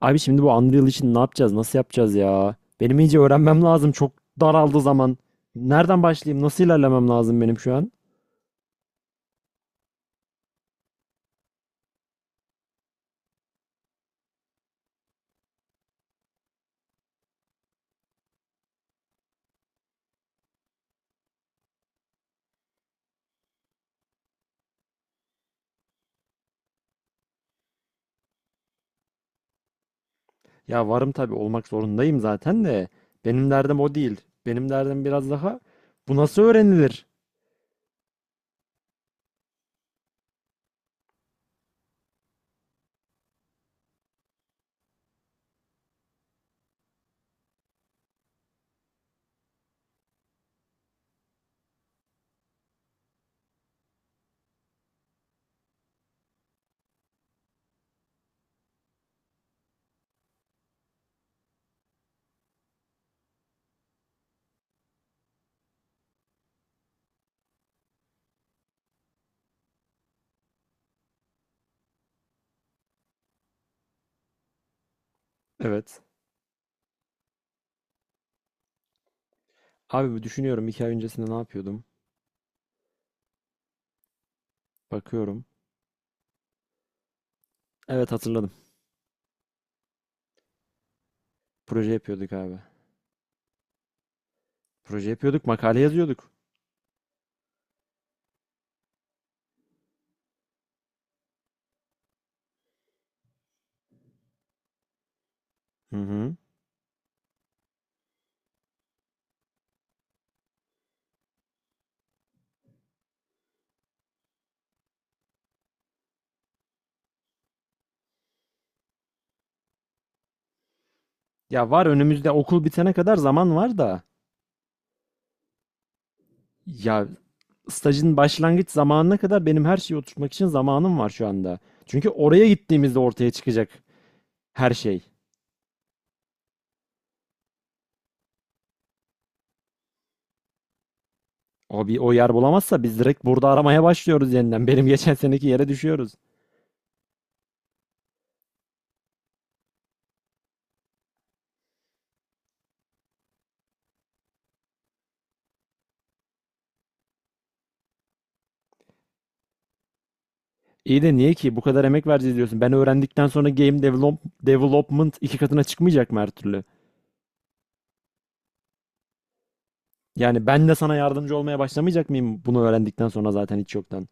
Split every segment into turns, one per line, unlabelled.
Abi şimdi bu Unreal için ne yapacağız? Nasıl yapacağız ya? Benim iyice öğrenmem lazım. Çok daraldı zaman. Nereden başlayayım? Nasıl ilerlemem lazım benim şu an? Ya varım tabii, olmak zorundayım zaten de benim derdim o değil. Benim derdim biraz daha bu nasıl öğrenilir? Evet. Abi bu düşünüyorum, iki ay öncesinde ne yapıyordum? Bakıyorum. Evet, hatırladım. Proje yapıyorduk abi. Proje yapıyorduk, makale yazıyorduk. Hı hı. Ya var, önümüzde okul bitene kadar zaman var da. Ya stajın başlangıç zamanına kadar benim her şeyi oturtmak için zamanım var şu anda. Çünkü oraya gittiğimizde ortaya çıkacak her şey. O bir, o yer bulamazsa biz direkt burada aramaya başlıyoruz yeniden. Benim geçen seneki yere düşüyoruz. İyi de niye ki bu kadar emek vereceğiz diyorsun. Ben öğrendikten sonra game develop, development iki katına çıkmayacak mı her türlü? Yani ben de sana yardımcı olmaya başlamayacak mıyım bunu öğrendikten sonra zaten hiç yoktan?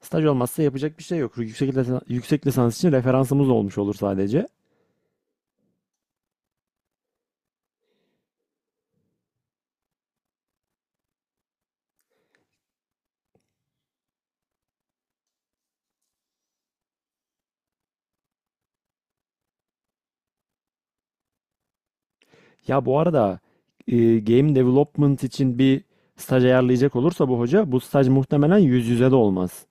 Staj olmazsa yapacak bir şey yok. Yüksek, yüksek lisans için referansımız olmuş olur sadece. Ya bu arada game development için bir staj ayarlayacak olursa bu hoca, bu staj muhtemelen yüz yüze de olmaz.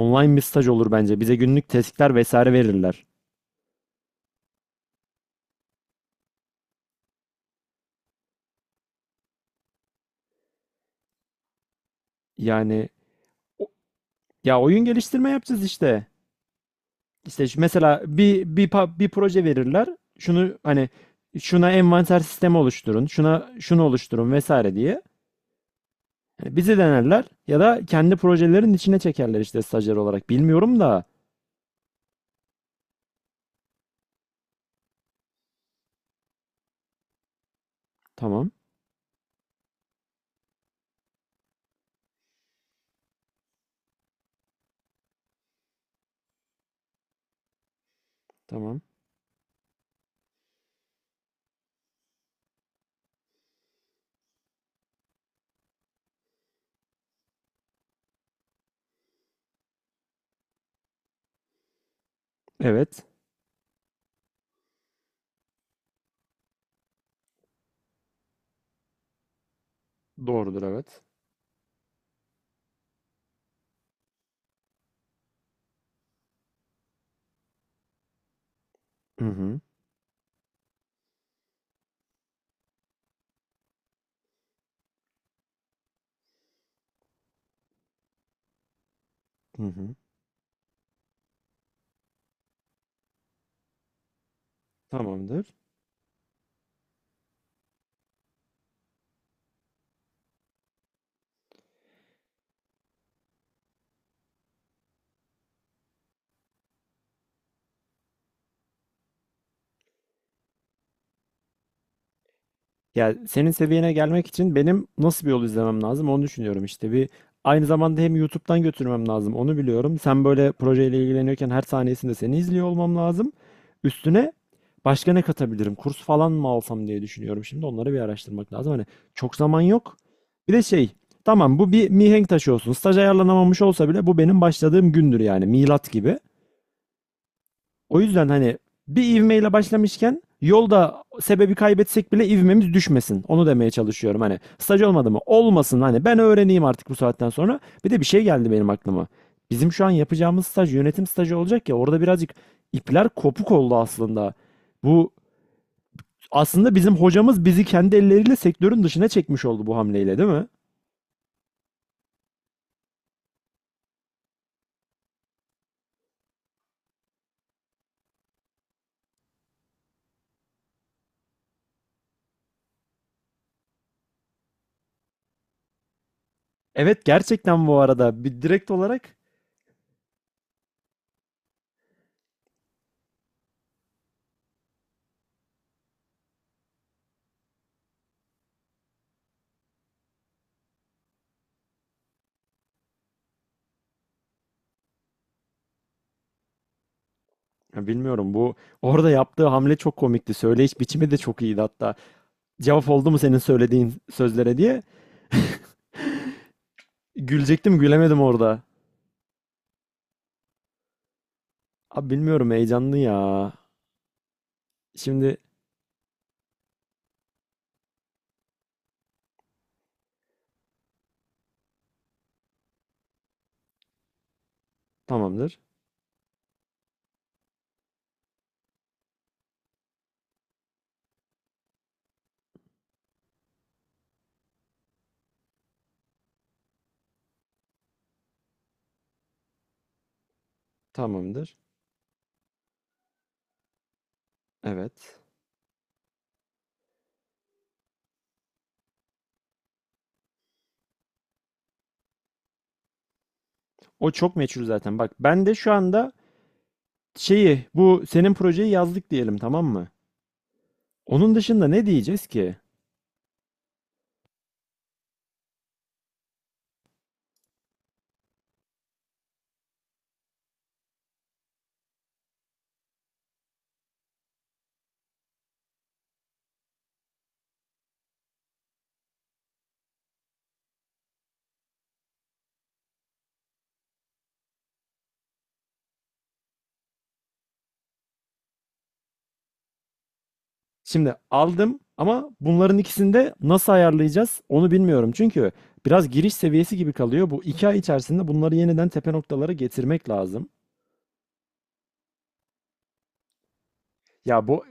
Online bir staj olur bence. Bize günlük testler vesaire verirler. Yani o- ya oyun geliştirme yapacağız işte. İşte mesela bir bir proje verirler. Şunu hani şuna envanter sistemi oluşturun, şuna şunu oluşturun vesaire diye. Yani bizi denerler ya da kendi projelerin içine çekerler işte stajyer olarak. Bilmiyorum da. Tamam, tamam. Evet. Doğrudur, evet. Hı hı. Hı hı. Tamamdır. Ya senin seviyene gelmek için benim nasıl bir yol izlemem lazım onu düşünüyorum işte. Bir, aynı zamanda hem YouTube'dan götürmem lazım onu biliyorum. Sen böyle projeyle ilgileniyorken her saniyesinde seni izliyor olmam lazım. Üstüne başka ne katabilirim? Kurs falan mı alsam diye düşünüyorum. Şimdi onları bir araştırmak lazım. Hani çok zaman yok. Bir de şey, tamam, bu bir mihenk taşı olsun. Staj ayarlanamamış olsa bile bu benim başladığım gündür, yani milat gibi. O yüzden hani bir ivmeyle başlamışken yolda sebebi kaybetsek bile ivmemiz düşmesin. Onu demeye çalışıyorum. Hani staj olmadı mı? Olmasın. Hani ben öğreneyim artık bu saatten sonra. Bir de bir şey geldi benim aklıma. Bizim şu an yapacağımız staj yönetim stajı olacak ya, orada birazcık ipler kopuk oldu aslında. Bu aslında bizim hocamız bizi kendi elleriyle sektörün dışına çekmiş oldu bu hamleyle, değil mi? Evet, gerçekten bu arada bir direkt olarak, ya bilmiyorum, bu orada yaptığı hamle çok komikti. Söyleyiş biçimi de çok iyiydi hatta. Cevap oldu mu senin söylediğin sözlere diye. Gülecektim, gülemedim orada. Abi bilmiyorum, heyecanlı ya. Şimdi tamamdır. Tamamdır. Evet. O çok meçhul zaten. Bak ben de şu anda şeyi, bu senin projeyi yazdık diyelim, tamam mı? Onun dışında ne diyeceğiz ki? Şimdi aldım, ama bunların ikisini de nasıl ayarlayacağız onu bilmiyorum. Çünkü biraz giriş seviyesi gibi kalıyor. Bu iki ay içerisinde bunları yeniden tepe noktalara getirmek lazım. Ya bu,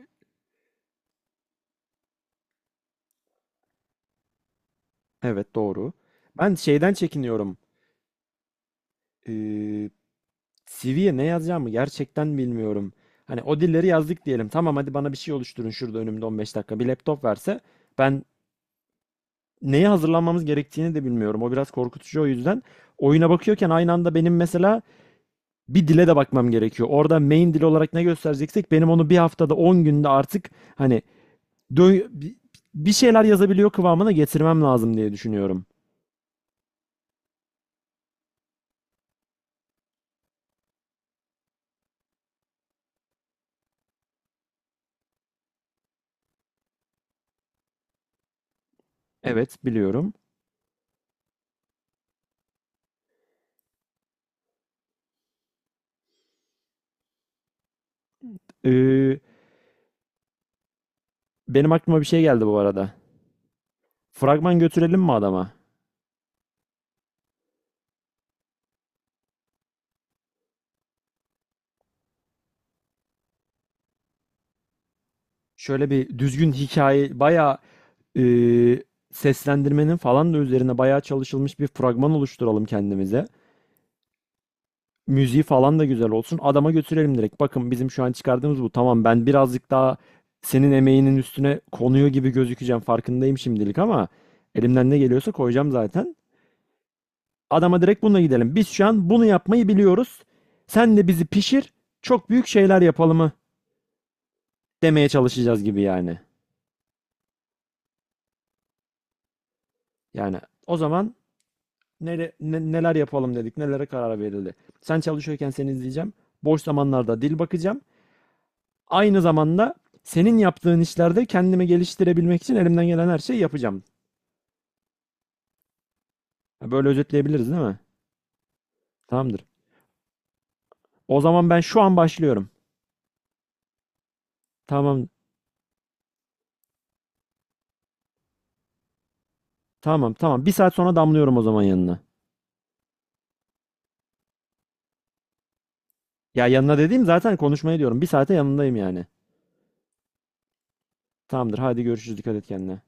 evet, doğru. Ben şeyden çekiniyorum. Eee CV'ye ne yazacağımı gerçekten bilmiyorum. Hani o dilleri yazdık diyelim. Tamam, hadi bana bir şey oluşturun şurada önümde 15 dakika. Bir laptop verse ben neye hazırlanmamız gerektiğini de bilmiyorum. O biraz korkutucu, o yüzden. Oyuna bakıyorken aynı anda benim mesela bir dile de bakmam gerekiyor. Orada main dil olarak ne göstereceksek benim onu bir haftada 10 günde artık hani dö- bi- bir şeyler yazabiliyor kıvamına getirmem lazım diye düşünüyorum. Evet, biliyorum. Eee, benim aklıma bir şey geldi bu arada. Fragman götürelim mi adama? Şöyle bir düzgün hikaye, bayağı eee, seslendirmenin falan da üzerine bayağı çalışılmış bir fragman oluşturalım kendimize. Müziği falan da güzel olsun. Adama götürelim direkt. Bakın, bizim şu an çıkardığımız bu. Tamam, ben birazcık daha senin emeğinin üstüne konuyor gibi gözükeceğim. Farkındayım şimdilik ama elimden ne geliyorsa koyacağım zaten. Adama direkt bununla gidelim. Biz şu an bunu yapmayı biliyoruz. Sen de bizi pişir. Çok büyük şeyler yapalım mı demeye çalışacağız gibi yani. Yani o zaman neler yapalım dedik, nelere karar verildi. Sen çalışıyorken seni izleyeceğim. Boş zamanlarda dil bakacağım. Aynı zamanda senin yaptığın işlerde kendimi geliştirebilmek için elimden gelen her şeyi yapacağım. Ha, böyle özetleyebiliriz, değil mi? Tamamdır. O zaman ben şu an başlıyorum. Tamam, tamam, tamam. Bir saat sonra damlıyorum o zaman yanına. Ya yanına dediğim zaten konuşmaya diyorum. Bir saate yanındayım yani. Tamamdır. Hadi görüşürüz. Dikkat et kendine.